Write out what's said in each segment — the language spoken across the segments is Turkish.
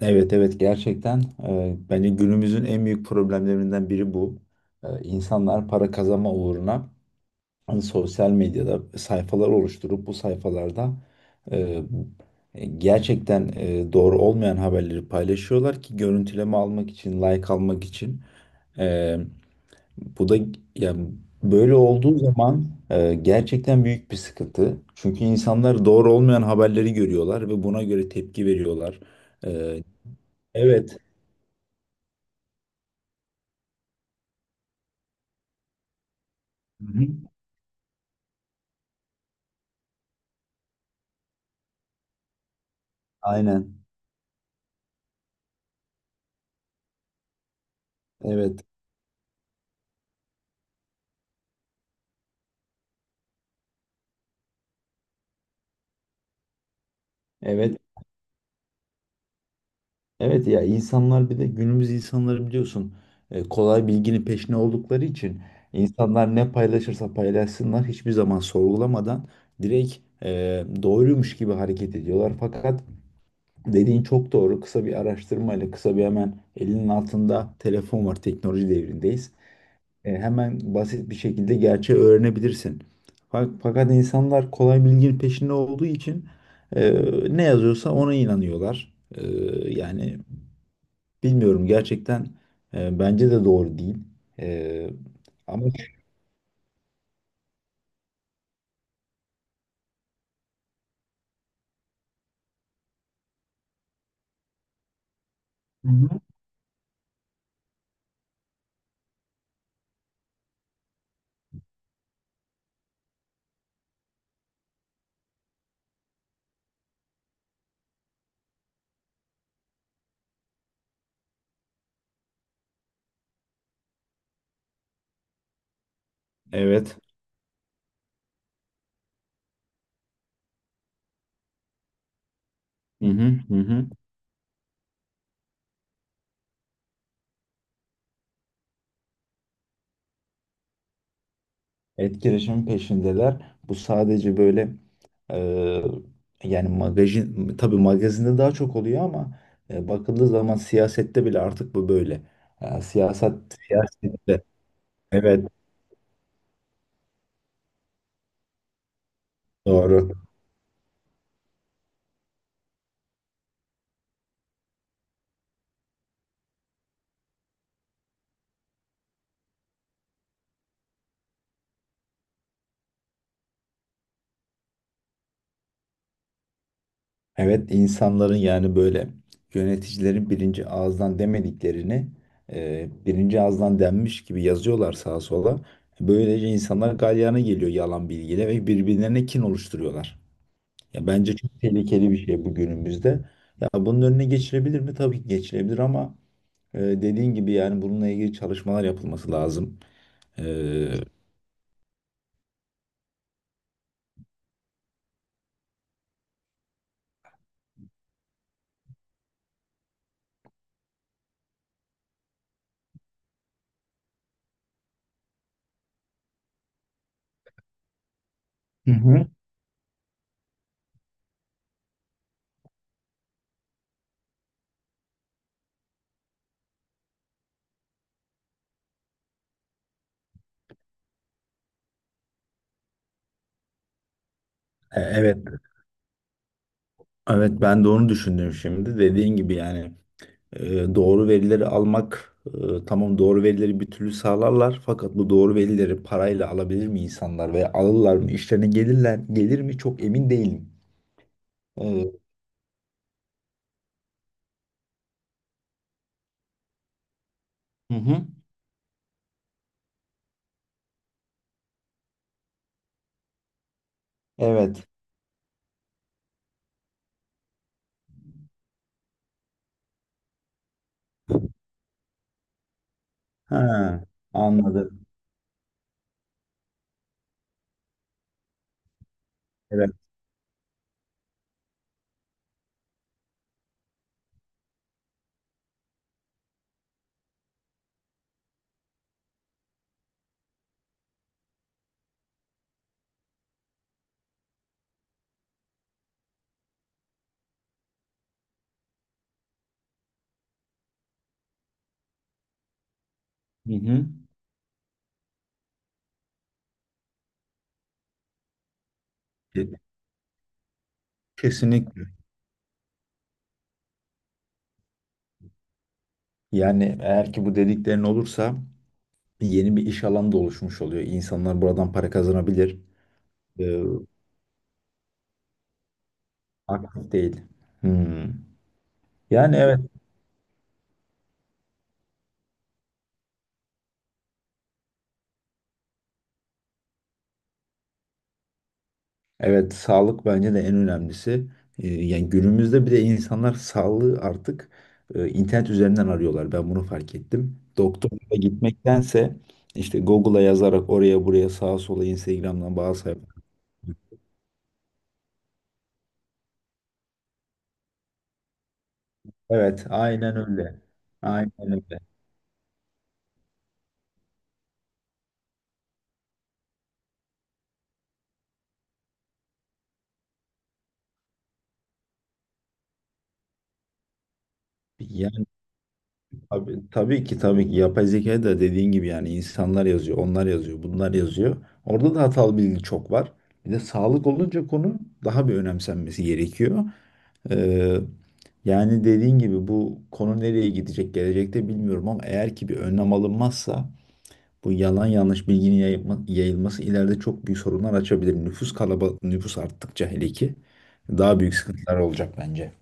Evet, evet, gerçekten bence günümüzün en büyük problemlerinden biri bu. İnsanlar para kazanma uğruna hani sosyal medyada sayfalar oluşturup bu sayfalarda e, gerçekten doğru olmayan haberleri paylaşıyorlar ki görüntüleme almak için, like almak için. E, Bu da yani böyle olduğu zaman gerçekten büyük bir sıkıntı. Çünkü insanlar doğru olmayan haberleri görüyorlar ve buna göre tepki veriyorlar. E, Evet. Hı hı. Aynen. Evet. Evet. Evet, ya insanlar bir de günümüz insanları biliyorsun, kolay bilginin peşine oldukları için insanlar ne paylaşırsa paylaşsınlar hiçbir zaman sorgulamadan direkt e, doğruymuş gibi hareket ediyorlar. Fakat dediğin çok doğru. Kısa bir araştırmayla, kısa bir hemen elinin altında telefon var. Teknoloji devrindeyiz. Hemen basit bir şekilde gerçeği öğrenebilirsin. Fakat insanlar kolay bilginin peşinde olduğu için e, ne yazıyorsa ona inanıyorlar. Yani bilmiyorum gerçekten, bence de doğru değil. E, Ama. Hı hı. Evet. Hı hı, hı hı. Etkileşimin peşindeler. Bu sadece böyle, e, yani tabii magazinde daha çok oluyor ama bakıldığı zaman siyasette bile artık bu böyle. E, siyaset siyasette, evet, doğru. Evet, insanların yani böyle yöneticilerin birinci ağızdan demediklerini birinci ağızdan denmiş gibi yazıyorlar sağa sola. Böylece insanlar galyana geliyor yalan bilgiyle ve birbirlerine kin oluşturuyorlar. Ya, bence çok tehlikeli bir şey bu günümüzde. Ya bunun önüne geçilebilir mi? Tabii ki geçilebilir ama dediğin gibi yani bununla ilgili çalışmalar yapılması lazım. E, e, Hı hı. Evet, evet, ben de onu düşündüm şimdi. Dediğin gibi yani doğru verileri almak, tamam, doğru verileri bir türlü sağlarlar fakat bu doğru verileri parayla alabilir mi insanlar veya alırlar mı? İşlerine gelir mi? Çok emin değilim. E, hı hı. Evet. Ha, anladım. Evet. Hı hı. Kesinlikle. Yani eğer ki bu dediklerin olursa yeni bir iş alanı da oluşmuş oluyor. İnsanlar buradan para kazanabilir. Ee, Aktif değil. Hmm. Yani, evet, evet, sağlık bence de en önemlisi. Yani günümüzde bir de insanlar sağlığı artık internet üzerinden arıyorlar. Ben bunu fark ettim. Doktora gitmektense işte Google'a yazarak oraya buraya sağa sola Instagram'dan bazı sayfalar. Evet, aynen öyle. Aynen öyle. Ya, abi, tabii ki tabii ki yapay zekayı da dediğin gibi yani insanlar yazıyor, onlar yazıyor, bunlar yazıyor. Orada da hatalı bilgi çok var. Bir de sağlık olunca konu daha bir önemsenmesi gerekiyor. Ee, Yani dediğin gibi bu konu nereye gidecek gelecekte bilmiyorum ama eğer ki bir önlem alınmazsa bu yalan yanlış bilginin yayılması ileride çok büyük sorunlar açabilir. Nüfus arttıkça hele ki daha büyük sıkıntılar olacak bence.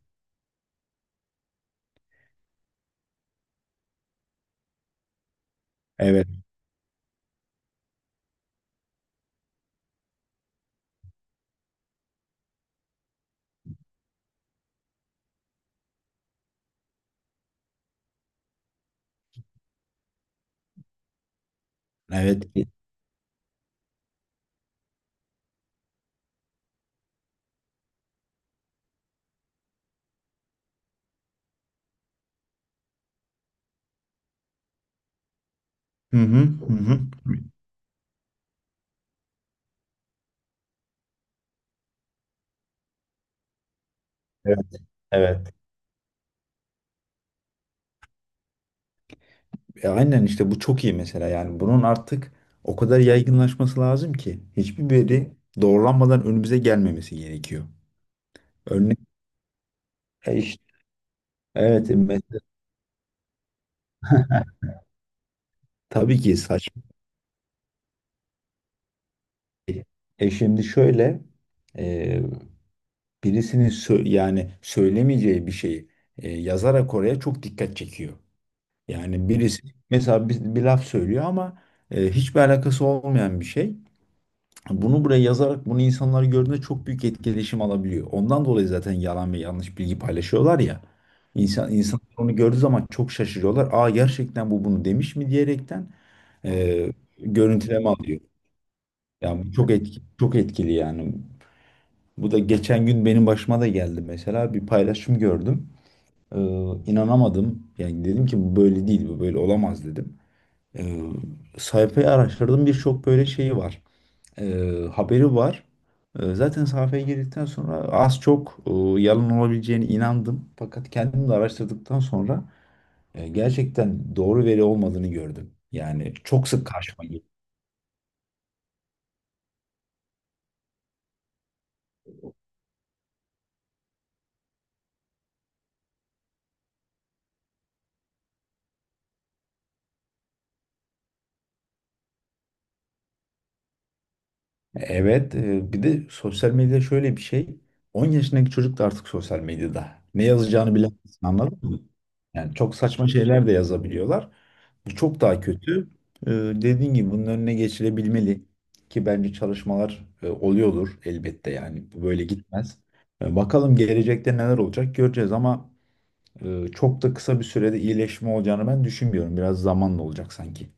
Evet, evet. Hı hı, hı hı. Evet, evet. Aynen işte bu çok iyi mesela yani bunun artık o kadar yaygınlaşması lazım ki hiçbir veri doğrulanmadan önümüze gelmemesi gerekiyor. Örnek. İşte, evet, mesela, tabii ki saçma. Şimdi şöyle, e, birisinin yani söylemeyeceği bir şeyi yazarak oraya çok dikkat çekiyor. Yani birisi mesela bir laf söylüyor ama hiçbir alakası olmayan bir şey. Bunu buraya yazarak bunu insanlar gördüğünde çok büyük etkileşim alabiliyor. Ondan dolayı zaten yalan ve yanlış bilgi paylaşıyorlar ya. İnsanlar onu gördüğü zaman çok şaşırıyorlar. Aa, gerçekten bu bunu demiş mi diyerekten e, görüntüleme alıyor. Yani bu çok etkili, çok etkili yani. Bu da geçen gün benim başıma da geldi mesela. Bir paylaşım gördüm. Ee, inanamadım. Yani dedim ki bu böyle değil, bu böyle olamaz dedim. Ee, Sayfayı araştırdım, birçok böyle şeyi var, haberi var. Zaten sahaya girdikten sonra az çok yalan olabileceğine inandım. Fakat kendim de araştırdıktan sonra gerçekten doğru veri olmadığını gördüm. Yani çok sık karşıma geliyor. Evet, bir de sosyal medya şöyle bir şey. 10 yaşındaki çocuk da artık sosyal medyada. Ne yazacağını bilemezsin, anladın mı? Yani çok saçma şeyler de yazabiliyorlar. Bu çok daha kötü. Dediğin gibi bunun önüne geçilebilmeli ki bence çalışmalar oluyordur elbette yani bu böyle gitmez. Bakalım gelecekte neler olacak, göreceğiz ama çok da kısa bir sürede iyileşme olacağını ben düşünmüyorum. Biraz zamanla olacak sanki.